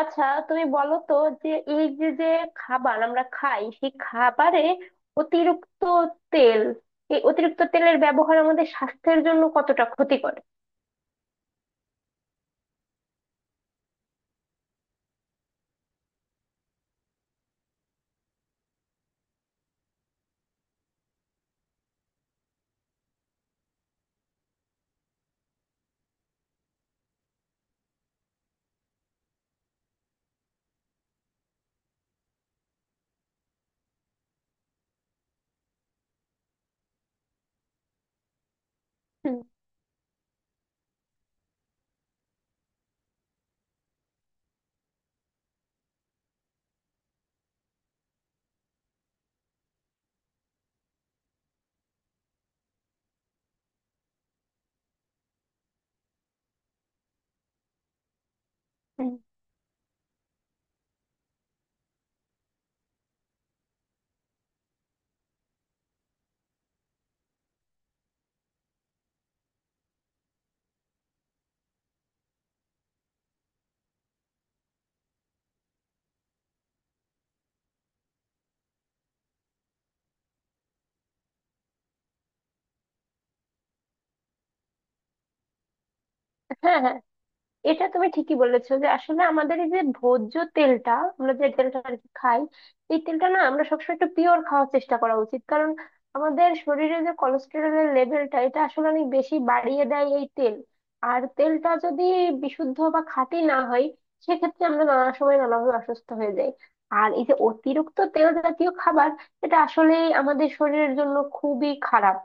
আচ্ছা, তুমি বলো তো, যে এই যে যে খাবার আমরা খাই, সেই খাবারে অতিরিক্ত তেল, এই অতিরিক্ত তেলের ব্যবহার আমাদের স্বাস্থ্যের জন্য কতটা ক্ষতিকর? হুম, হুম। হ্যাঁ, হ্যাঁ, এটা তুমি ঠিকই বলেছো যে আসলে আমাদের এই যে ভোজ্য তেলটা, আমরা যে তেলটা আর কি খাই, এই তেলটা না আমরা সবসময় একটু পিওর খাওয়ার চেষ্টা করা উচিত। কারণ আমাদের শরীরে যে কোলেস্টেরলের লেভেলটা, এটা আসলে অনেক বেশি বাড়িয়ে দেয় এই তেল। আর তেলটা যদি বিশুদ্ধ বা খাঁটি না হয়, সেক্ষেত্রে আমরা নানা সময় নানাভাবে অসুস্থ হয়ে যাই। আর এই যে অতিরিক্ত তেল জাতীয় খাবার, এটা আসলে আমাদের শরীরের জন্য খুবই খারাপ।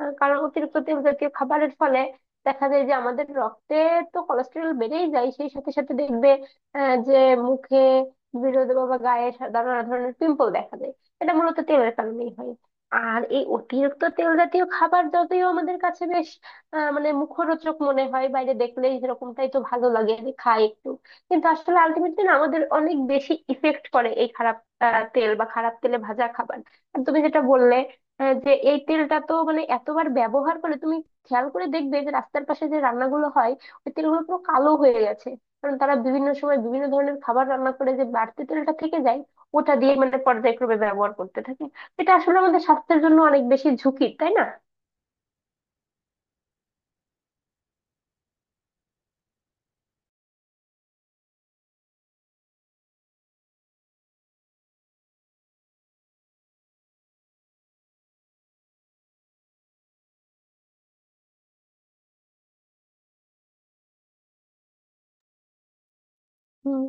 কারণ অতিরিক্ত তেল জাতীয় খাবারের ফলে দেখা যায় যে আমাদের রক্তে তো কোলেস্টেরল বেড়েই যায়। সেই সাথে সাথে দেখবে যে মুখে, বিরোধে বা গায়ে নানা ধরনের পিম্পল দেখা যায়। এটা মূলত তেলের কারণেই হয়। আর এই অতিরিক্ত তেল জাতীয় খাবার যদিও আমাদের কাছে বেশ মানে মুখরোচক মনে হয়, বাইরে দেখলেই সেরকমটাই তো ভালো লাগে যে খাই একটু, কিন্তু আসলে আলটিমেটলি না আমাদের অনেক বেশি ইফেক্ট করে এই খারাপ তেল বা খারাপ তেলে ভাজা খাবার। আর তুমি যেটা বললে যে এই তেলটা তো মানে এতবার ব্যবহার করে, তুমি খেয়াল করে দেখবে যে রাস্তার পাশে যে রান্নাগুলো হয়, ওই তেলগুলো পুরো কালো হয়ে গেছে। কারণ তারা বিভিন্ন সময় বিভিন্ন ধরনের খাবার রান্না করে, যে বাড়তি তেলটা থেকে যায়, ওটা দিয়ে মানে পর্যায়ক্রমে ব্যবহার করতে থাকে। এটা আসলে আমাদের স্বাস্থ্যের জন্য অনেক বেশি ঝুঁকি, তাই না? হুম।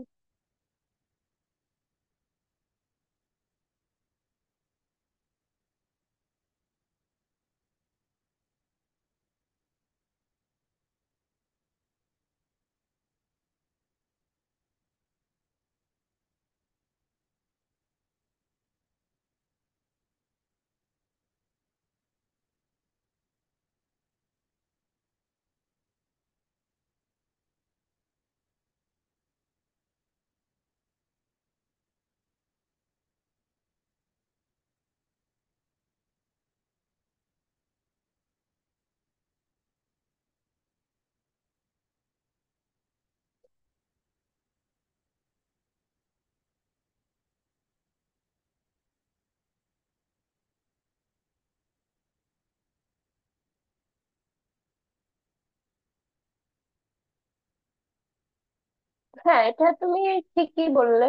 হ্যাঁ, এটা তুমি ঠিকই বললে।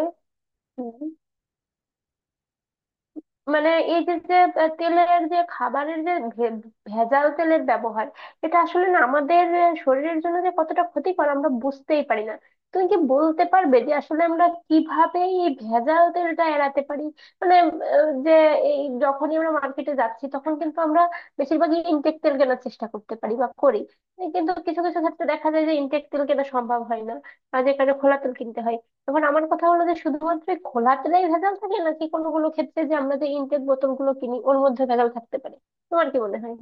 হুম। মানে এই যে যে তেলের যে, খাবারের যে, ভেজাল তেলের ব্যবহার, এটা আসলে না আমাদের শরীরের জন্য যে কতটা ক্ষতিকর, আমরা বুঝতেই পারি না। তুমি কি বলতে পারবে যে আসলে আমরা কিভাবে এই ভেজাল তেলটা এড়াতে পারি? মানে যে এই যখনই আমরা মার্কেটে যাচ্ছি, তখন কিন্তু আমরা বেশিরভাগই ইনটেক তেল কেনার চেষ্টা করতে পারি বা করি। কিন্তু কিছু কিছু ক্ষেত্রে দেখা যায় যে ইনটেক তেল কেনা সম্ভব হয় না, আর যে কারণে খোলা তেল কিনতে হয়। এবার আমার কথা হলো যে শুধুমাত্র এই খোলা তেলেই ভেজাল থাকে, নাকি কোনো কোনো ক্ষেত্রে যে আমরা যে ইনটেক বোতল গুলো কিনি ওর মধ্যে ভেজাল থাকতে পারে? তোমার কি মনে হয়?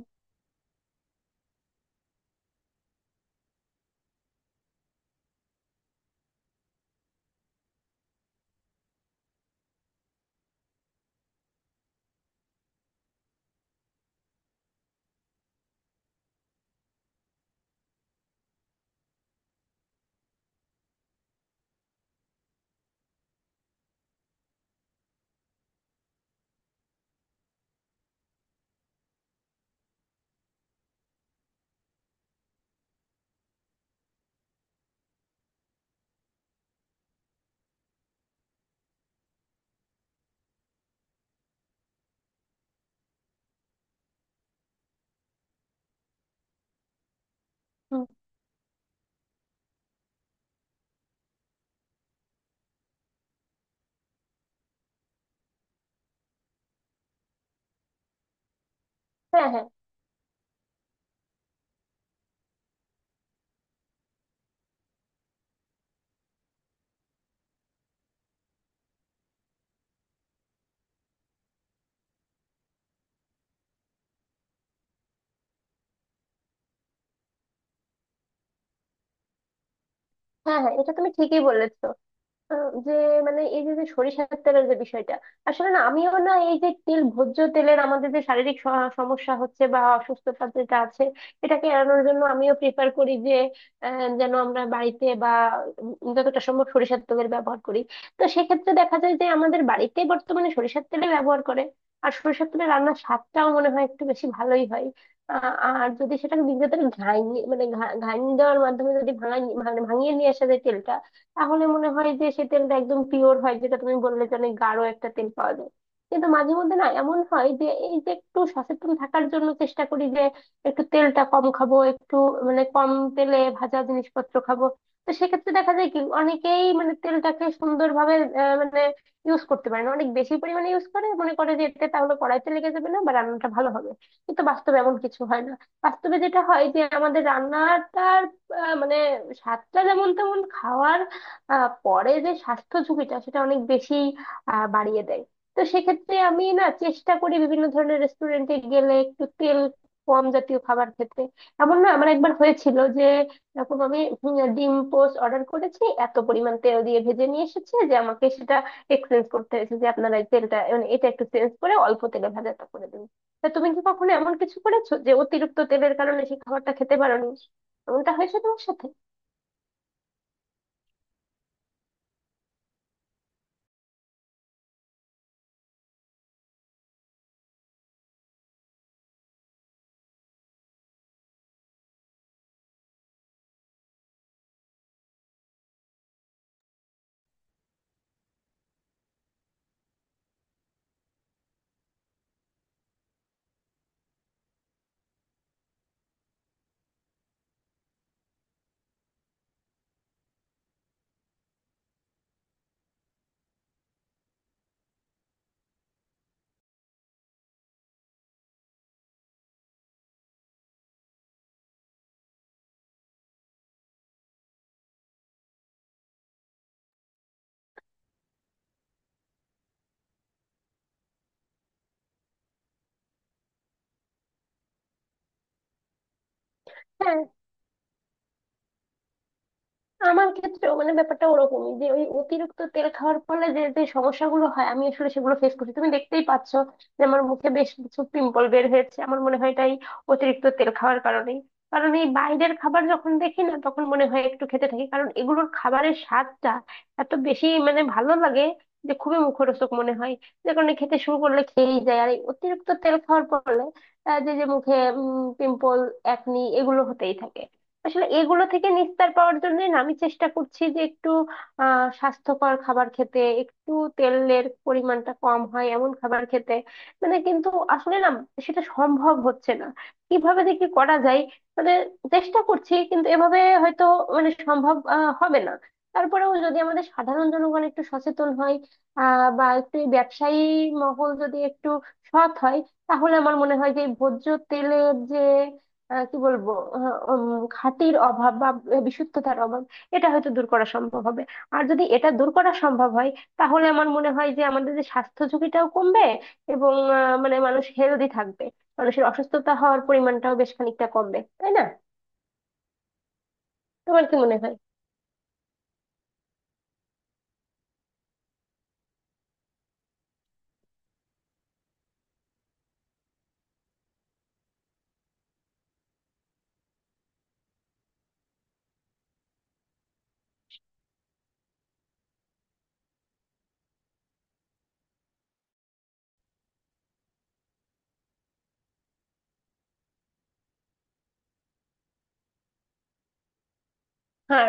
হুম, হ্যাঁ, হ্যাঁ। হ্যাঁ, হ্যাঁ, এটা তুমি ঠিকই বলেছ। যে, মানে এই যে যে সরিষার তেলের যে বিষয়টা, আসলে না আমিও না এই যে তেল, ভোজ্য তেলের আমাদের যে শারীরিক সমস্যা হচ্ছে বা অসুস্থতা যেটা আছে, এটাকে এড়ানোর জন্য আমিও প্রিফার করি যে যেন আমরা বাড়িতে বা যতটা সম্ভব সরিষার তেলের ব্যবহার করি। তো সেক্ষেত্রে দেখা যায় যে আমাদের বাড়িতে বর্তমানে সরিষার তেলে ব্যবহার করে। আর সরিষার তেলে রান্নার স্বাদটাও মনে হয় একটু বেশি ভালোই হয়। আ- আর যদি সেটাকে নিজেদের ঘাইনি মানে ঘাইনি দেওয়ার মাধ্যমে যদি ভাঙিয়ে নিয়ে আসা যায় তেলটা, তাহলে মনে হয় যে সে তেলটা একদম পিওর হয়, যেটা তুমি বললে যে অনেক গাঢ় একটা তেল পাওয়া যায়। কিন্তু মাঝে মধ্যে না এমন হয় যে এই যে একটু সচেতন থাকার জন্য চেষ্টা করি যে একটু তেলটা কম খাবো, একটু মানে কম তেলে ভাজা জিনিসপত্র খাবো। তো সেক্ষেত্রে দেখা যায় কি, অনেকেই মানে তেলটাকে সুন্দরভাবে মানে ইউজ করতে পারে না, অনেক বেশি পরিমাণে ইউজ করে, মনে করে যে এতে তাহলে কড়াইতে লেগে যাবে না বা রান্নাটা ভালো হবে। কিন্তু বাস্তবে এমন কিছু হয় না। বাস্তবে যেটা হয় যে আমাদের রান্নাটার মানে স্বাদটা যেমন তেমন, খাওয়ার পরে যে স্বাস্থ্য ঝুঁকিটা সেটা অনেক বেশি বাড়িয়ে দেয়। তো সেক্ষেত্রে আমি না চেষ্টা করি বিভিন্ন ধরনের রেস্টুরেন্টে গেলে একটু তেল কম জাতীয় খাবার খেতে। এমন না, আমার একবার হয়েছিল যে এরকম আমি ডিম পোস্ট অর্ডার করেছি, এত পরিমাণ তেল দিয়ে ভেজে নিয়ে এসেছে যে আমাকে সেটা এক্সচেঞ্জ করতে হয়েছে, যে আপনারা এই তেলটা মানে এটা একটু চেঞ্জ করে অল্প তেলে ভাজাটা করে দিন। তা তুমি কি কখনো এমন কিছু করেছো যে অতিরিক্ত তেলের কারণে সেই খাবারটা খেতে পারোনি? এমনটা হয়েছে তোমার সাথে? হ্যাঁ। আমার ক্ষেত্রে মানে ব্যাপারটা ওরকমই, যে ওই অতিরিক্ত তেল খাওয়ার ফলে যে যে সমস্যাগুলো হয়, আমি আসলে সেগুলো ফেস করছি। তুমি দেখতেই পাচ্ছ যে আমার মুখে বেশ কিছু পিম্পল বের হয়েছে, আমার মনে হয় এটাই অতিরিক্ত তেল খাওয়ার কারণেই। কারণ এই বাইরের খাবার যখন দেখি না, তখন মনে হয় একটু খেতে থাকি, কারণ এগুলোর খাবারের স্বাদটা এত বেশি মানে ভালো লাগে যে খুবই মুখরোচক মনে হয়, যে কারণে খেতে শুরু করলে খেয়েই যায়। আর এই অতিরিক্ত তেল খাওয়ার ফলে যে যে মুখে পিম্পল, একনি, এগুলো হতেই থাকে। আসলে এগুলো থেকে নিস্তার পাওয়ার জন্য না আমি চেষ্টা করছি যে একটু স্বাস্থ্যকর খাবার খেতে, একটু তেলের পরিমাণটা কম হয় এমন খাবার খেতে। মানে কিন্তু আসলে না সেটা সম্ভব হচ্ছে না। কিভাবে যে কি করা যায়, মানে চেষ্টা করছি, কিন্তু এভাবে হয়তো মানে সম্ভব হবে না। তারপরেও যদি আমাদের সাধারণ জনগণ একটু সচেতন হয়, বা একটু এই ব্যবসায়ী মহল যদি একটু সৎ হয়, তাহলে আমার মনে হয় যে এই ভোজ্য তেলের যে আহ, কি বলবো আহ, উম, খাঁটির অভাব বা বিশুদ্ধতার অভাব, এটা হয়তো দূর করা সম্ভব হবে। আর যদি এটা দূর করা সম্ভব হয়, তাহলে আমার মনে হয় যে আমাদের যে স্বাস্থ্য ঝুঁকিটাও কমবে, এবং মানে মানুষ হেলদি থাকবে, মানুষের অসুস্থতা হওয়ার পরিমাণটাও বেশ খানিকটা কমবে, তাই না? তোমার কি মনে হয়? হ্যাঁ